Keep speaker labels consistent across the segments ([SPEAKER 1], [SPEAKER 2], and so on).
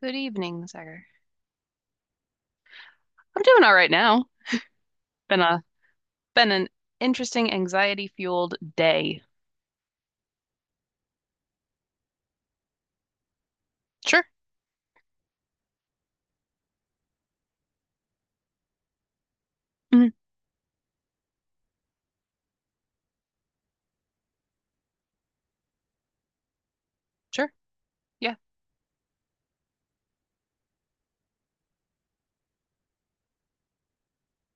[SPEAKER 1] Good evening, Sagar. I'm doing all right now. Been a been an interesting anxiety fueled day. Sure. Mhm. Sure. Yeah.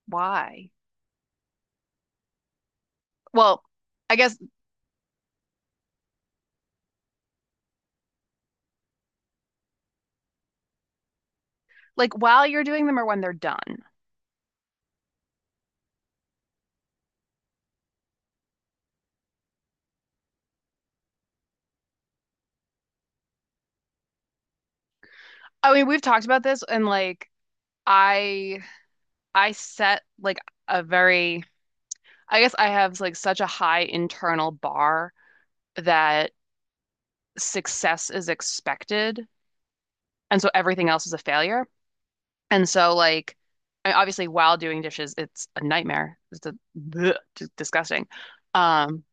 [SPEAKER 1] Why? Well, I guess like while you're doing them or when they're done. I mean, we've talked about this and like I I set like a very I guess I have like such a high internal bar that success is expected, and so everything else is a failure. And so like I obviously while doing dishes, it's a nightmare. It's a bleh, just disgusting. Um,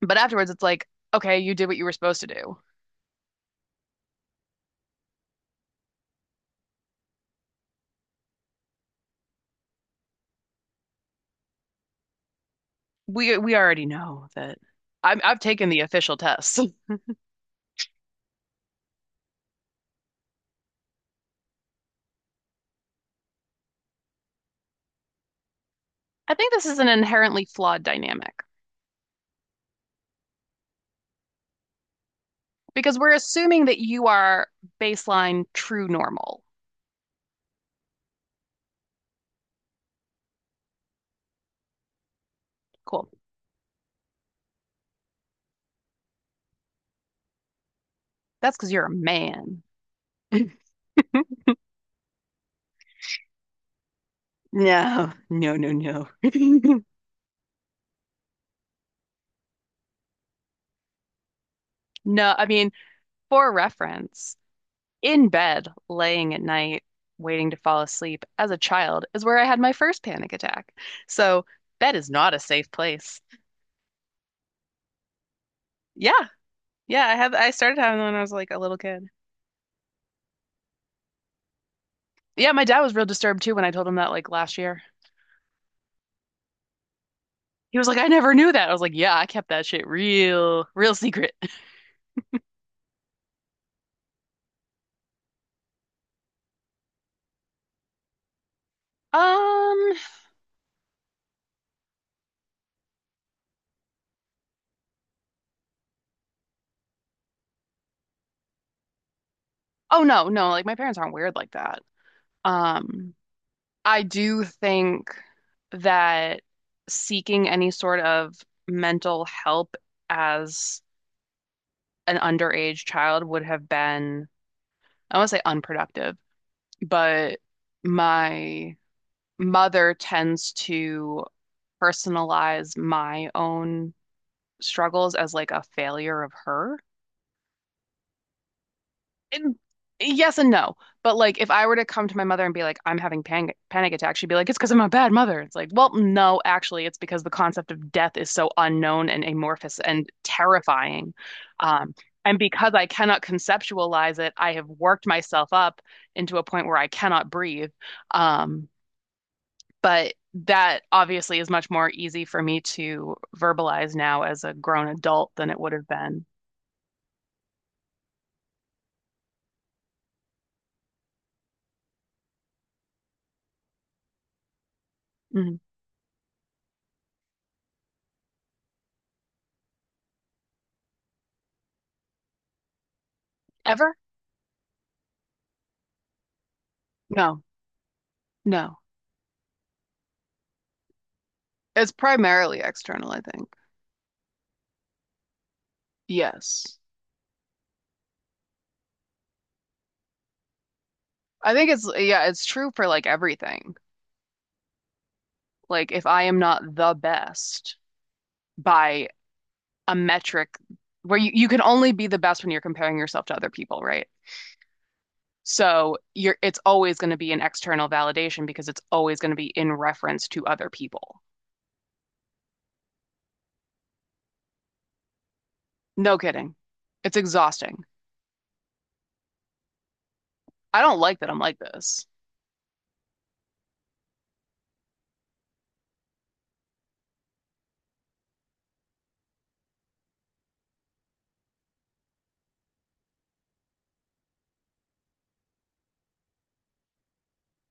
[SPEAKER 1] but afterwards it's like, okay, you did what you were supposed to do. We already know that I've taken the official tests. I think this is an inherently flawed dynamic because we're assuming that you are baseline true normal. Cool. That's because you're a man. No, no, no, no. No, I mean, for reference, in bed, laying at night, waiting to fall asleep as a child is where I had my first panic attack. So bed is not a safe place. Yeah. Yeah, I have. I started having them when I was like a little kid. Yeah, my dad was real disturbed too when I told him that like last year. He was like, I never knew that. I was like, yeah, I kept that shit real, real secret. Um, oh no, no, like my parents aren't weird like that. Um, I do think that seeking any sort of mental help as an underage child would have been, I won't say unproductive, but my mother tends to personalize my own struggles as like a failure of her. And yes and no. But like if I were to come to my mother and be like, I'm having panic attack, she'd be like, it's because I'm a bad mother. It's like, well, no, actually, it's because the concept of death is so unknown and amorphous and terrifying. Um, and because I cannot conceptualize it, I have worked myself up into a point where I cannot breathe. Um, but that obviously is much more easy for me to verbalize now as a grown adult than it would have been. Mhm. Ever? No, no. It's primarily external, I think. Yes. I think it's, yeah, it's true for like everything. Like if I am not the best by a metric where you can only be the best when you're comparing yourself to other people, right? So you're it's always going to be an external validation because it's always going to be in reference to other people. No kidding. It's exhausting. I don't like that I'm like this.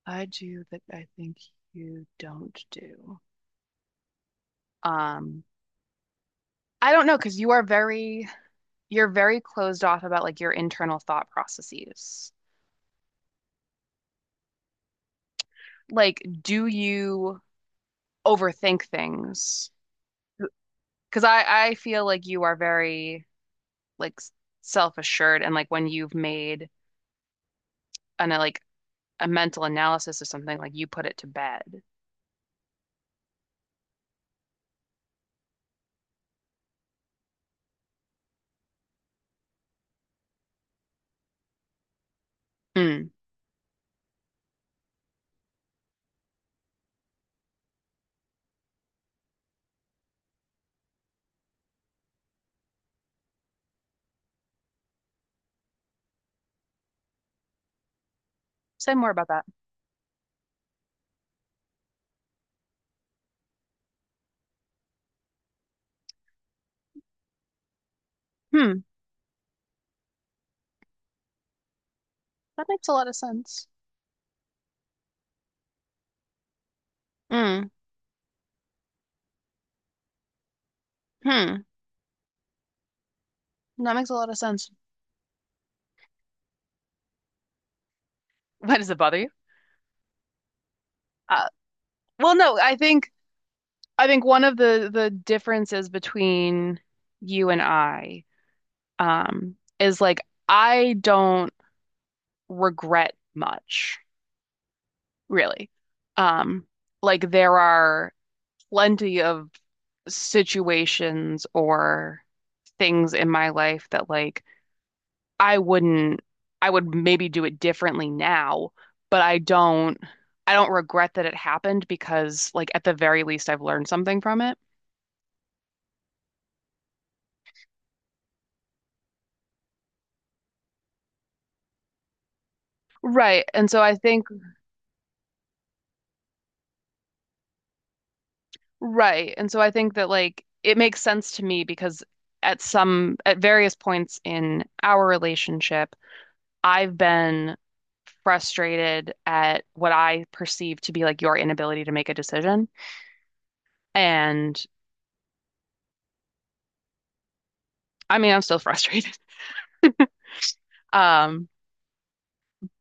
[SPEAKER 1] I do that I think you don't do. Um, I don't know because you are very you're very closed off about like your internal thought processes. Like, do you overthink things? Because I feel like you are very like self-assured, and like when you've made an like a mental analysis of something, like you put it to bed. Hmm. Say more about that. Hmm. That makes a lot of sense. Hmm. Hmm. That makes a lot of sense. Why does it bother you? Uh, well, no, I think one of the differences between you and I, is like I don't regret much, really. Um, like there are plenty of situations or things in my life that like I wouldn't, I would maybe do it differently now, but I don't regret that it happened because like at the very least I've learned something from it. Right. And so I think Right. And so I think that like it makes sense to me because at some at various points in our relationship, I've been frustrated at what I perceive to be like your inability to make a decision. And I mean, I'm still frustrated. Um,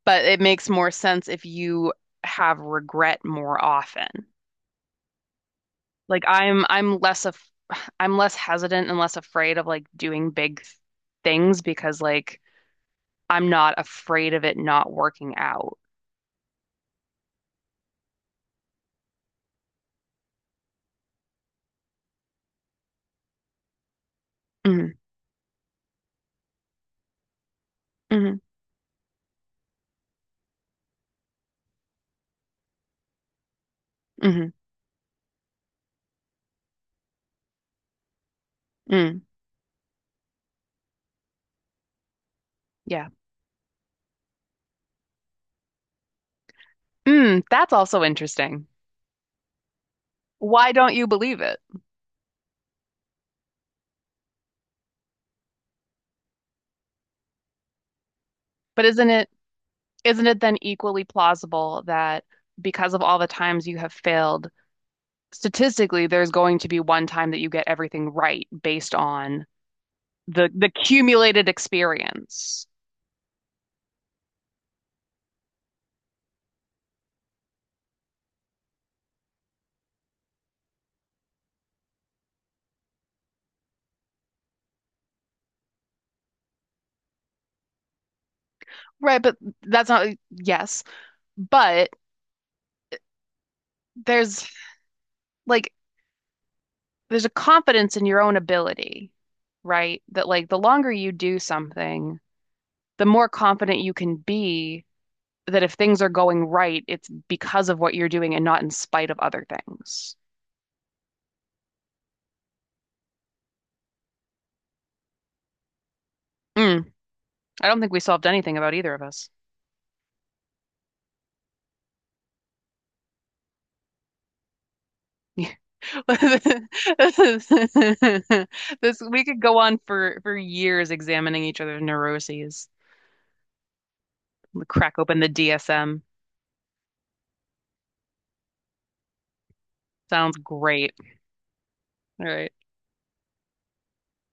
[SPEAKER 1] but it makes more sense if you have regret more often. Like I'm less of I'm less hesitant and less afraid of like doing big things because like I'm not afraid of it not working out. Mm, mm, mm, mm, yeah. Mm, that's also interesting. Why don't you believe it? But isn't it then equally plausible that because of all the times you have failed, statistically, there's going to be one time that you get everything right based on the accumulated experience? Right, but that's not, yes. But there's like, there's a confidence in your own ability, right? That like the longer you do something, the more confident you can be that if things are going right, it's because of what you're doing and not in spite of other things. Mm, I don't think we solved anything about either of us. This we could go on for years examining each other's neuroses. Crack open the DSM. Sounds great. All right.